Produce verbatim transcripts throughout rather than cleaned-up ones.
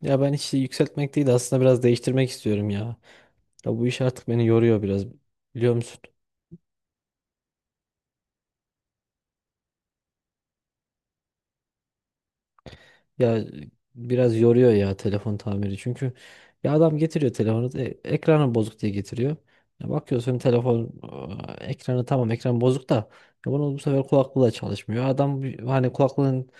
Ya ben işi yükseltmek değil de aslında biraz değiştirmek istiyorum ya. Ya bu iş artık beni yoruyor biraz biliyor musun? Ya e, Biraz yoruyor ya telefon tamiri çünkü ya adam getiriyor telefonu e, ekranı bozuk diye getiriyor. Ya bakıyorsun telefon e, ekranı tamam ekran bozuk da ya bunu bu sefer kulaklığı da çalışmıyor. Adam bir- hani kulaklığın.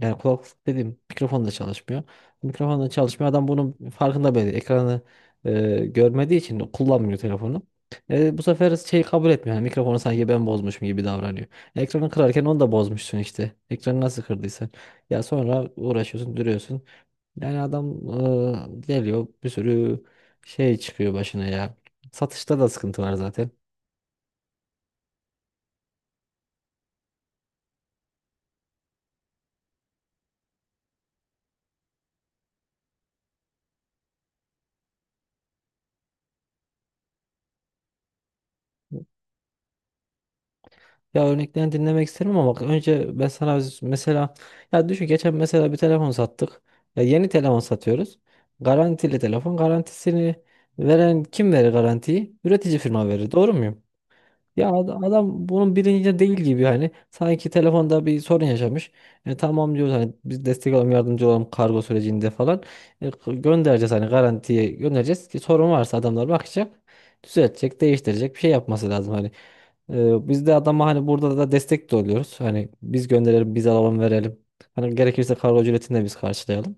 Yani kulaklık dediğim mikrofon da çalışmıyor. Mikrofon da çalışmıyor. Adam bunun farkında bile değil. Ekranı e, görmediği için kullanmıyor telefonu. E, bu sefer şey kabul etmiyor. Yani mikrofonu sanki ben bozmuşum gibi davranıyor. Ekranı kırarken onu da bozmuşsun işte. Ekranı nasıl kırdıysan. Ya sonra uğraşıyorsun, duruyorsun. Yani adam e, geliyor bir sürü şey çıkıyor başına ya. Satışta da sıkıntı var zaten. Ya örneklerini dinlemek isterim ama bak önce ben sana öz- mesela ya düşün geçen mesela bir telefon sattık. Ya yeni telefon satıyoruz. Garantili telefon. Garantisini veren kim verir garantiyi? Üretici firma verir. Doğru muyum? Ya ad- adam bunun bilincinde değil gibi hani sanki telefonda bir sorun yaşamış. E, tamam diyoruz hani biz destek olalım yardımcı olalım kargo sürecinde falan. E, k- göndereceğiz hani garantiye göndereceğiz ki sorun varsa adamlar bakacak düzeltecek değiştirecek bir şey yapması lazım hani. E, biz de adama hani burada da destek de oluyoruz hani biz gönderelim biz alalım verelim. Hani gerekirse kargo ücretini de biz karşılayalım.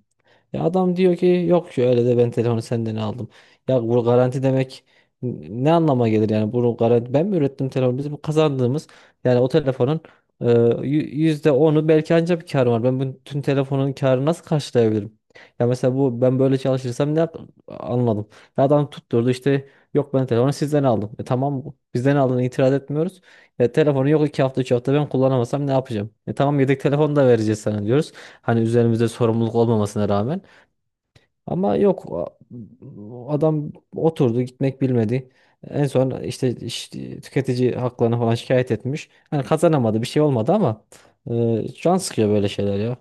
Ya adam diyor ki yok ya öyle de ben telefonu senden aldım. Ya bu garanti demek n- ne anlama gelir yani bunu garanti ben mi ürettim telefonu bizim kazandığımız yani o telefonun e, yü- yüzde onu belki ancak bir kar var. Ben bütün telefonun karını nasıl karşılayabilirim? Ya mesela bu ben böyle çalışırsam ne yap- anladım. Ya adam tutturdu işte yok ben telefonu sizden aldım. E tamam bizden aldığını itiraz etmiyoruz. E, telefonu yok iki hafta üç hafta ben kullanamasam ne yapacağım? E tamam yedek telefon da vereceğiz sana diyoruz. Hani üzerimizde sorumluluk olmamasına rağmen. Ama yok a- adam oturdu gitmek bilmedi. En son işte, işte tüketici haklarını falan şikayet etmiş. Yani kazanamadı bir şey olmadı ama e, can sıkıyor böyle şeyler ya.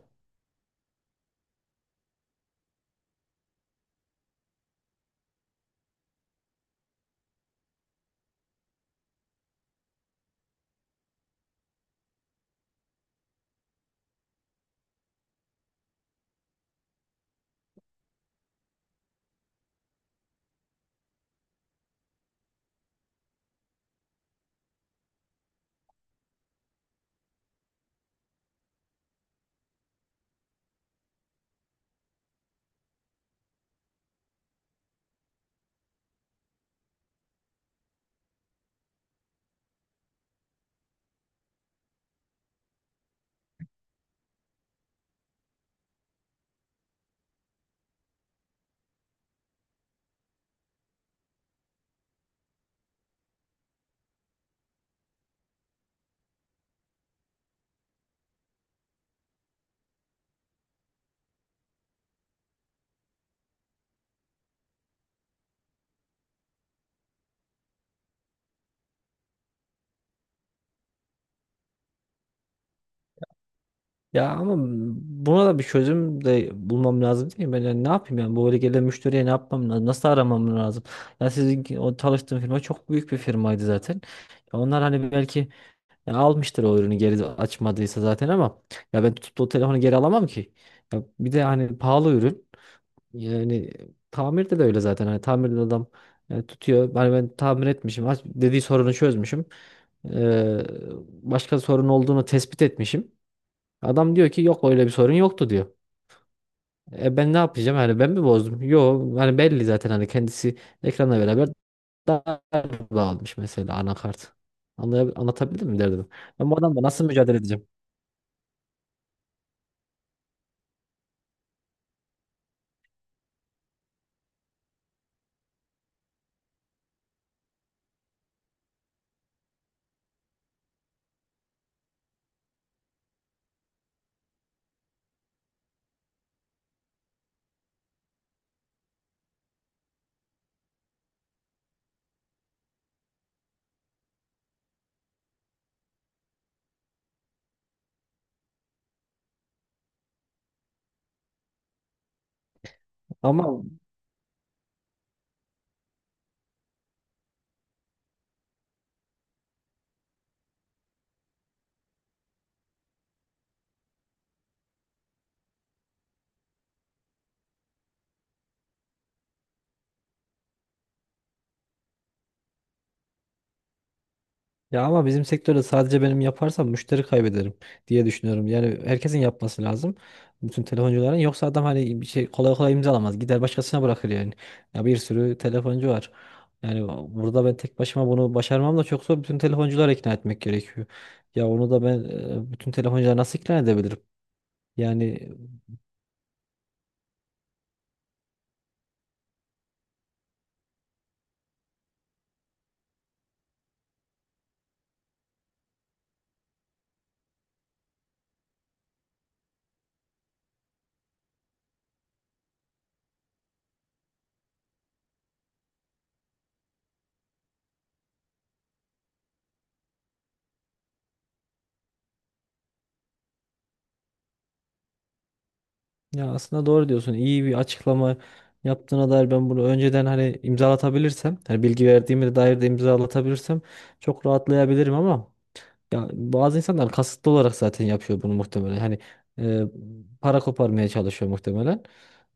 Ya ama buna da bir çözüm de bulmam lazım değil mi? Ben yani ne yapayım yani bu böyle gelen müşteriye ne yapmam lazım? Nasıl aramam lazım? Ya sizin o çalıştığım firma çok büyük bir firmaydı zaten. Ya onlar hani belki ya almıştır o ürünü geri açmadıysa zaten ama ya ben tutup da o telefonu geri alamam ki. Ya bir de hani pahalı ürün. Yani tamirde de öyle zaten. Hani tamirde de adam e, tutuyor. Hani ben tamir etmişim. az- Dediği sorunu çözmüşüm. Ee, Başka sorun olduğunu tespit etmişim. Adam diyor ki yok öyle bir sorun yoktu diyor. E ben ne yapacağım? Hani ben mi bozdum? Yok. Hani belli zaten hani kendisi ekranla beraber daha bağlamış mesela anakart. Anlay anlatabildim mi derdim. Ben bu adamla nasıl mücadele edeceğim? Ama Ya ama bizim sektörde sadece benim yaparsam müşteri kaybederim diye düşünüyorum. Yani herkesin yapması lazım. Bütün telefoncuların. Yoksa adam hani bir şey kolay kolay imzalamaz. Gider başkasına bırakır yani. Ya bir sürü telefoncu var. Yani burada ben tek başıma bunu başarmam da çok zor. Bütün telefoncuları ikna etmek gerekiyor. Ya onu da ben e, bütün telefoncuları nasıl ikna edebilirim? Yani Ya aslında doğru diyorsun. İyi bir açıklama yaptığına dair ben bunu önceden hani imzalatabilirsem, hani bilgi verdiğime dair de imzalatabilirsem çok rahatlayabilirim ama ya bazı insanlar kasıtlı olarak zaten yapıyor bunu muhtemelen. Hani e, Para koparmaya çalışıyor muhtemelen.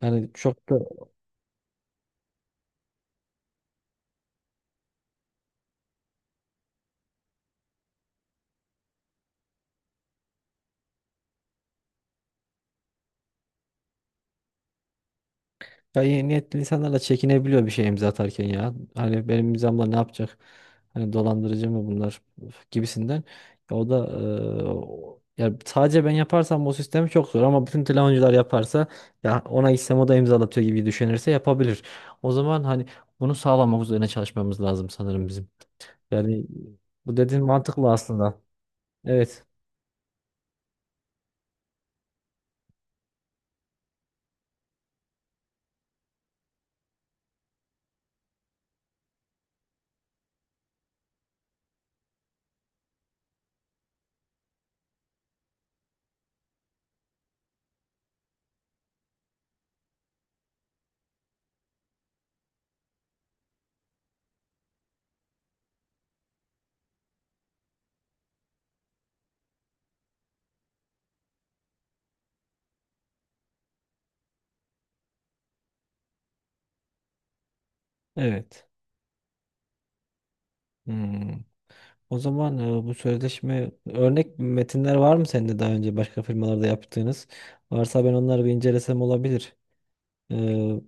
Yani çok da ya iyi niyetli insanlarla çekinebiliyor bir şey imza atarken ya. Hani benim imzamla ne yapacak? Hani dolandırıcı mı bunlar Üf, gibisinden. Ya o da e, o- ya sadece ben yaparsam bu sistemi çok zor ama bütün telefoncular yaparsa ya ona gitsem o da imzalatıyor gibi düşünürse yapabilir. O zaman hani bunu sağlamak üzerine çalışmamız lazım sanırım bizim. Yani bu dediğin mantıklı aslında. Evet. Evet. Hmm. O zaman e, bu sözleşme örnek metinler var mı sende daha önce başka firmalarda yaptığınız? Varsa ben onları bir incelesem olabilir. Ee,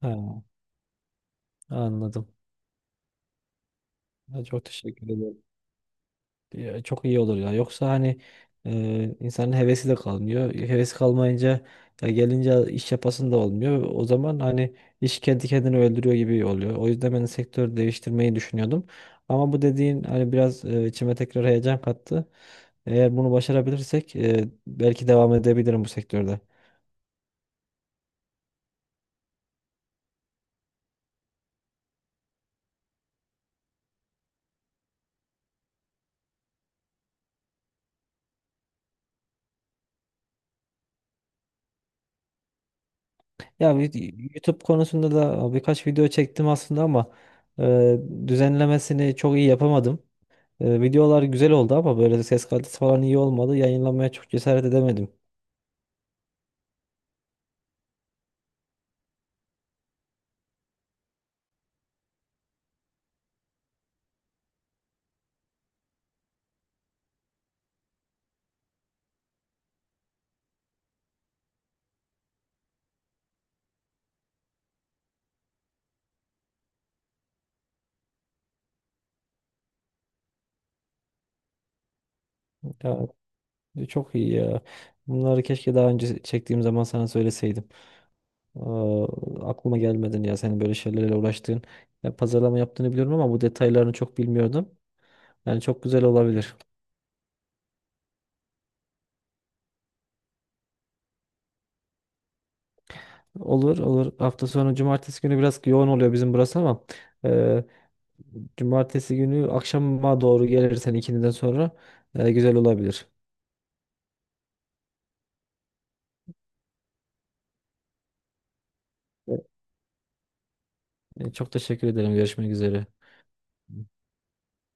ha, anladım. Ha, çok teşekkür ederim. Ya, çok iyi olur ya. Yoksa hani e, insanın hevesi de kalmıyor. Hevesi kalmayınca ya gelince iş yapasın da olmuyor. O zaman hani iş kendi kendini öldürüyor gibi oluyor. O yüzden ben sektör değiştirmeyi düşünüyordum. Ama bu dediğin hani biraz e, içime tekrar heyecan kattı. Eğer bunu başarabilirsek e, belki devam edebilirim bu sektörde. Ya vi- YouTube konusunda da birkaç video çektim aslında ama e, düzenlemesini çok iyi yapamadım. E, videolar güzel oldu ama böyle ses kalitesi falan iyi olmadı. Yayınlamaya çok cesaret edemedim. Ya, e, çok iyi ya. Bunları keşke daha önce çektiğim zaman sana söyleseydim. Aa, aklıma gelmedin ya senin böyle şeylerle uğraştığın. Ya, pazarlama yaptığını biliyorum ama bu detaylarını çok bilmiyordum. Yani çok güzel olabilir. Olur olur. Hafta sonu cumartesi günü biraz yoğun oluyor bizim burası ama e, cumartesi günü akşama doğru gelirsen ikindiden sonra e, güzel olabilir. E, çok teşekkür ederim. Görüşmek üzere.